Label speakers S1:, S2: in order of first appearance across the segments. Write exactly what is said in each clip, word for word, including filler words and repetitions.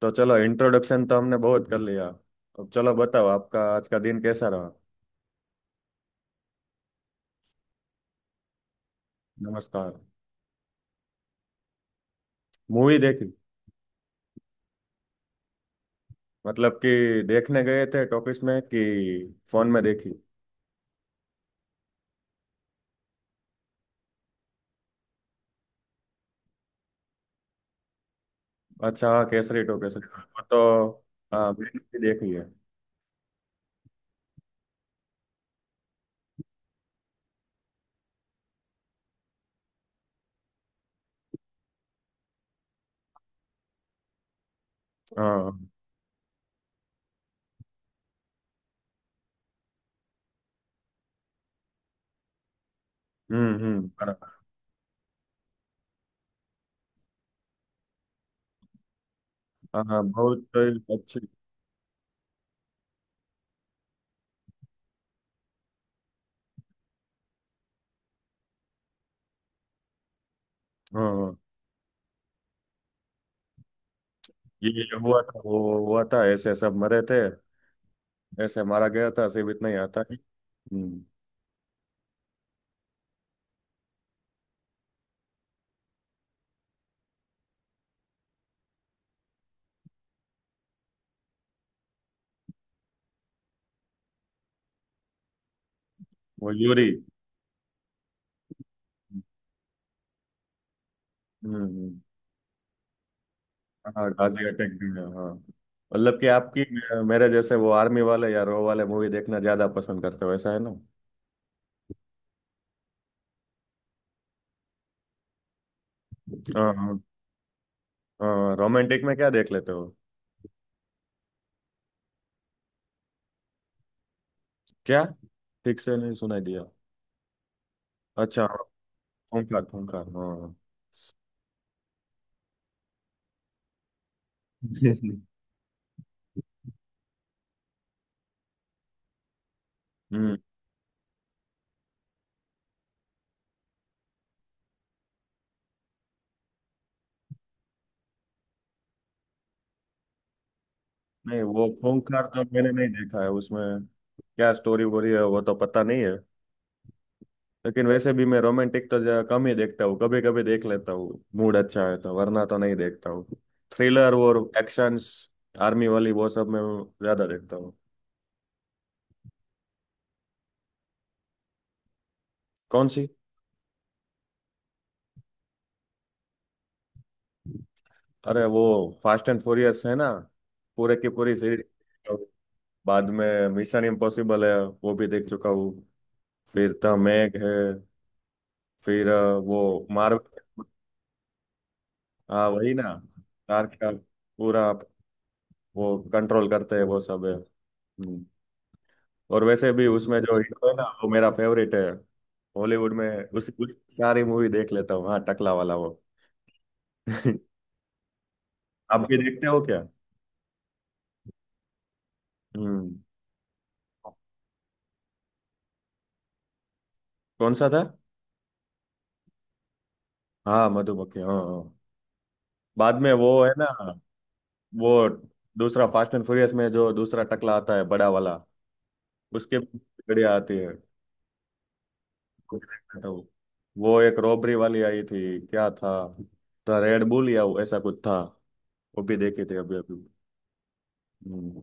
S1: तो चलो, इंट्रोडक्शन तो हमने बहुत कर लिया। अब चलो बताओ, आपका आज का दिन कैसा रहा। नमस्कार। मूवी देखी? मतलब कि देखने गए थे टॉकीज में कि फोन में देखी? अच्छा हाँ, केसरी टू। केसरी वो तो हाँ, मैंने भी देखी है। हाँ। हम्म हम्म, बराबर। हाँ हाँ, बहुत अच्छी। हाँ हाँ, ये हुआ था, वो हुआ था, ऐसे सब मरे थे, ऐसे मारा गया था, सिर्फ इतना ही आता है। हम्म। वो यूरी। हम्म हम्म। हाँ, गाजी अटैक भी है। हाँ, मतलब कि आपकी, मेरे जैसे वो आर्मी वाले या रो वाले मूवी देखना ज्यादा पसंद करते हो, ऐसा है ना। हाँ हाँ। हाँ, रोमांटिक में क्या देख लेते हो? क्या? ठीक से नहीं सुनाई दिया। अच्छा हाँ। खूंखार खूंखार, हाँ। हम्म। नहीं, वो खूंखार तो मैंने नहीं देखा है। उसमें क्या स्टोरी वोरी है, वो तो पता नहीं है। लेकिन वैसे भी मैं रोमांटिक तो ज- कम ही देखता हूँ। कभी कभी देख लेता हूँ, मूड अच्छा है तो, वरना तो नहीं देखता हूँ। थ्रिलर और एक्शंस, आर्मी वाली वो सब मैं ज्यादा देखता हूँ। कौन सी? अरे वो फास्ट एंड फ्यूरियस है ना, पूरे की पूरी सीरीज। बाद में मिशन इम्पॉसिबल है, वो भी देख चुका हूँ। फिर द मैग है। फिर अ, वो मार्वल। हाँ, वही ना। कार का पूरा वो कंट्रोल करते हैं, वो सब है। हम्म। और वैसे भी उसमें जो हम्म। हीरो है ना, वो मेरा फेवरेट है। हॉलीवुड में उस, उस सारी मूवी देख लेता हूँ। हाँ, टकला वाला वो। आप भी देखते हो क्या? हम्म। कौन सा था? हाँ, मधुमक्खी, हाँ हाँ। बाद में वो है ना, वो दूसरा फास्ट एंड फ्यूरियस में जो दूसरा टकला आता है, बड़ा वाला, उसके भी बढ़िया आती है। कुछ देखता था वो। वो एक रॉबरी वाली आई थी, क्या था, तो रेड बुल या ऐसा कुछ था, वो भी देखी थी अभी अभी। हम्म।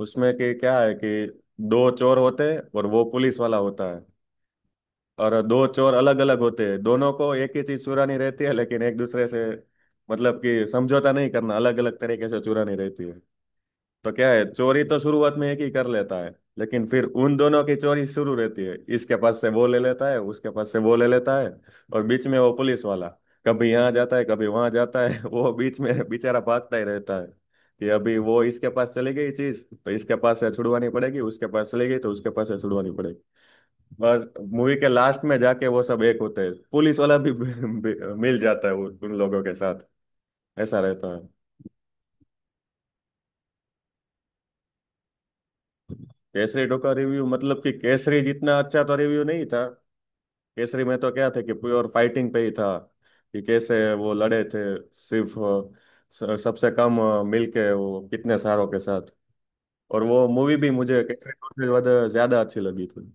S1: उसमें कि क्या है कि दो चोर होते हैं और वो पुलिस वाला होता है। और दो चोर अलग अलग होते हैं, दोनों को एक ही चीज चुरानी रहती है, लेकिन एक दूसरे से मतलब कि समझौता नहीं करना, अलग अलग तरीके से चुरानी रहती है। तो क्या है, चोरी तो शुरुआत में एक ही कर लेता है, लेकिन फिर उन दोनों की चोरी शुरू रहती है, इसके पास से वो ले लेता है, उसके पास से वो ले लेता है। और बीच में वो पुलिस वाला कभी यहाँ जाता है, कभी वहां जाता है। वो बीच में बेचारा भागता ही रहता है कि अभी वो इसके पास चली गई चीज तो इसके पास से छुड़वानी पड़ेगी, उसके पास चली गई तो उसके पास से छुड़वानी पड़ेगी। बस, मूवी के लास्ट में जाके वो सब एक होते हैं, पुलिस वाला भी मिल जाता है उन उन लोगों के साथ। ऐसा रहता है। केसरी टू का रिव्यू मतलब कि केसरी जितना अच्छा तो रिव्यू नहीं था। केसरी में तो क्या था कि प्योर फाइटिंग पे ही था, कि कैसे वो लड़े थे। सिर्फ अ, स- सबसे कम अ, मिलके वो कितने सारों के साथ। और वो मूवी भी मुझे केसरी टू से ज्यादा ज्यादा अच्छी लगी थी।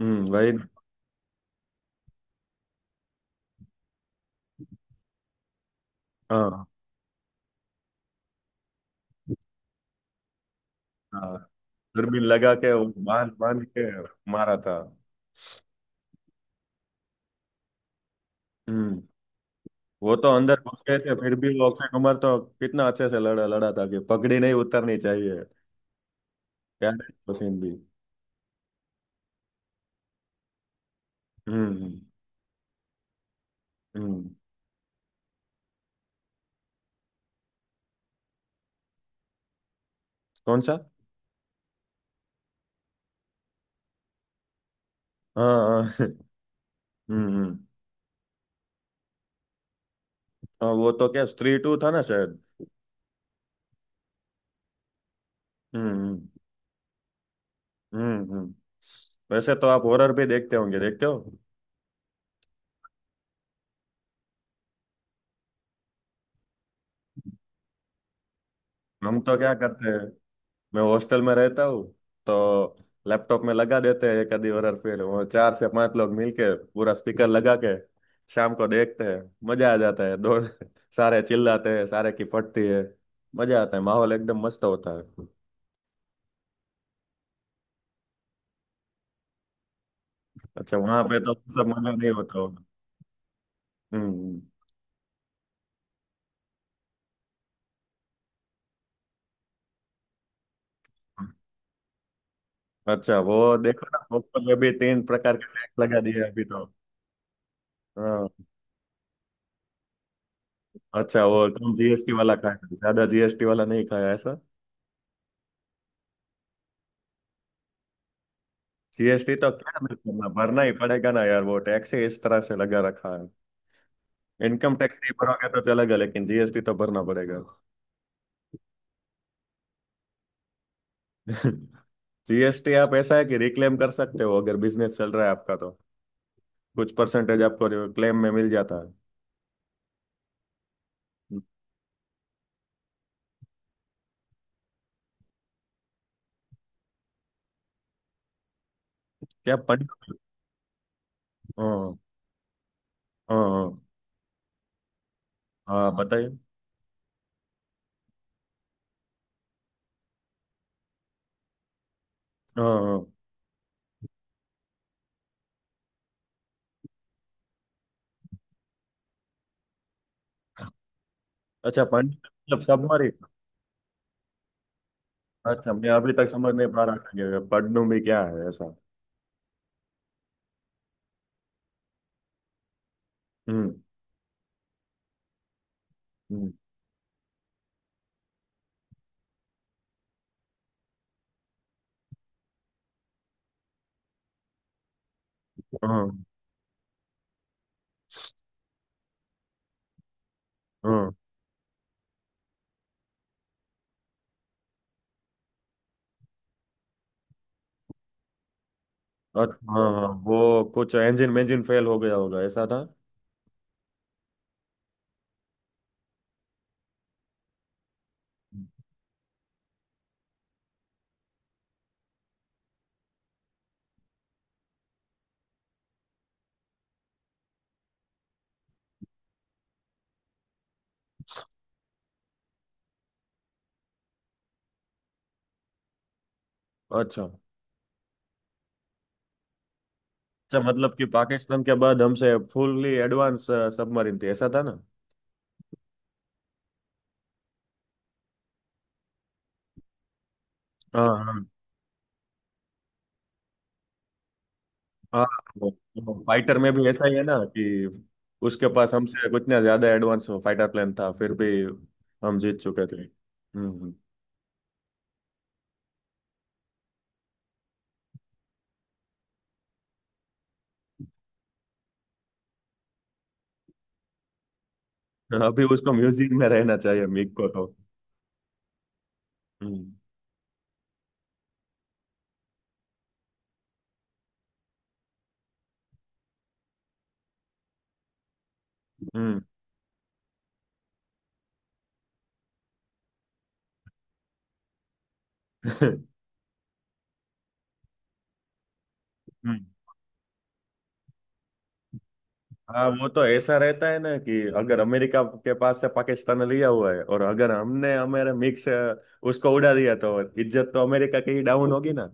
S1: हम्म, वही। हाँ हाँ। दूरबीन लगा के वो बांध बांध के मारा था। हम्म। वो तो अंदर घुस गए थे, फिर भी वो अक्षय कुमार तो कितना अच्छे से लड़ा लड़ा था कि पगड़ी नहीं उतरनी चाहिए। प्यार, पसंद भी। हम्म हम्म। हम्म। कौन सा? हाँ हाँ। हम्म हम्म। हाँ, वो तो क्या स्त्री टू था ना शायद। हम्म हम्म। हम्म हम्म। वैसे तो आप हॉरर भी देखते होंगे, देखते हो? हम तो क्या करते हैं, मैं हॉस्टल में रहता हूँ तो लैपटॉप में लगा देते हैं एक आधी हॉरर फिल्म, वो चार से पांच लोग मिलके पूरा स्पीकर लगा के शाम को देखते हैं। मजा आ जाता है, दो सारे चिल्लाते हैं, सारे की फटती है। मजा आता है, माहौल एकदम मस्त होता है। अच्छा, वहां पे तो सब मजा नहीं होता होगा। हम्म। अच्छा वो देखो ना, बुक पर अभी तीन प्रकार के टैक्स लगा दिए अभी तो। हाँ। अच्छा, वो तुम जीएसटी वाला खाया, ज्यादा जीएसटी वाला नहीं खाया, ऐसा? जीएसटी तो क्या मैं करना, भरना ही पड़ेगा ना यार, वो टैक्स ही इस तरह से लगा रखा है। इनकम टैक्स नहीं भरोगे तो चलेगा, लेकिन जीएसटी तो भरना पड़ेगा। जीएसटी आप ऐसा है कि रिक्लेम कर सकते हो, अगर बिजनेस चल रहा है आपका तो कुछ परसेंटेज आपको क्लेम में मिल जाता है। क्या पंडित हो? हाँ हाँ हाँ। हाँ, बताइए। हाँ हाँ। अच्छा पंडित मतलब सबमरीन? अच्छा, मैं अभी तक समझ नहीं पा रहा था कि पन्नू में क्या है ऐसा। हम्म हम्म। हाँ हाँ। अच्छा हाँ हाँ, वो कुछ इंजन इंजन फेल हो गया होगा, ऐसा था। अच्छा। अच्छा मतलब कि पाकिस्तान के बाद हमसे फुल्ली एडवांस सबमरीन थी, ऐसा था ना। हाँ हाँ। हाँ वो, वो फाइटर में भी ऐसा ही है ना कि उसके पास हमसे कुछ ना ज्यादा एडवांस फाइटर प्लेन था, फिर भी हम जीत चुके थे। हम्म हम्म। अभी उसको म्यूजिक में रहना चाहिए मिक को तो। हम्म। हम्म। हम्म। हाँ, वो तो ऐसा रहता है ना कि अगर अमेरिका के पास से पाकिस्तान लिया हुआ है, और अगर हमने हमारे मिक्स उसको उड़ा दिया तो इज्जत तो अमेरिका की ही डाउन होगी ना,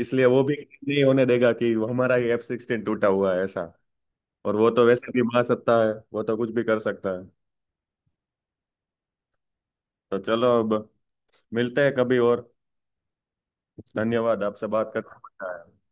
S1: इसलिए वो भी नहीं होने देगा कि वो हमारा ही एफ सिक्सटीन टूटा हुआ है, ऐसा। और वो तो वैसे भी महासत्ता है, वो तो कुछ भी कर सकता है। तो चलो, अब मिलते हैं कभी और। धन्यवाद, आपसे बात करना पड़ता है।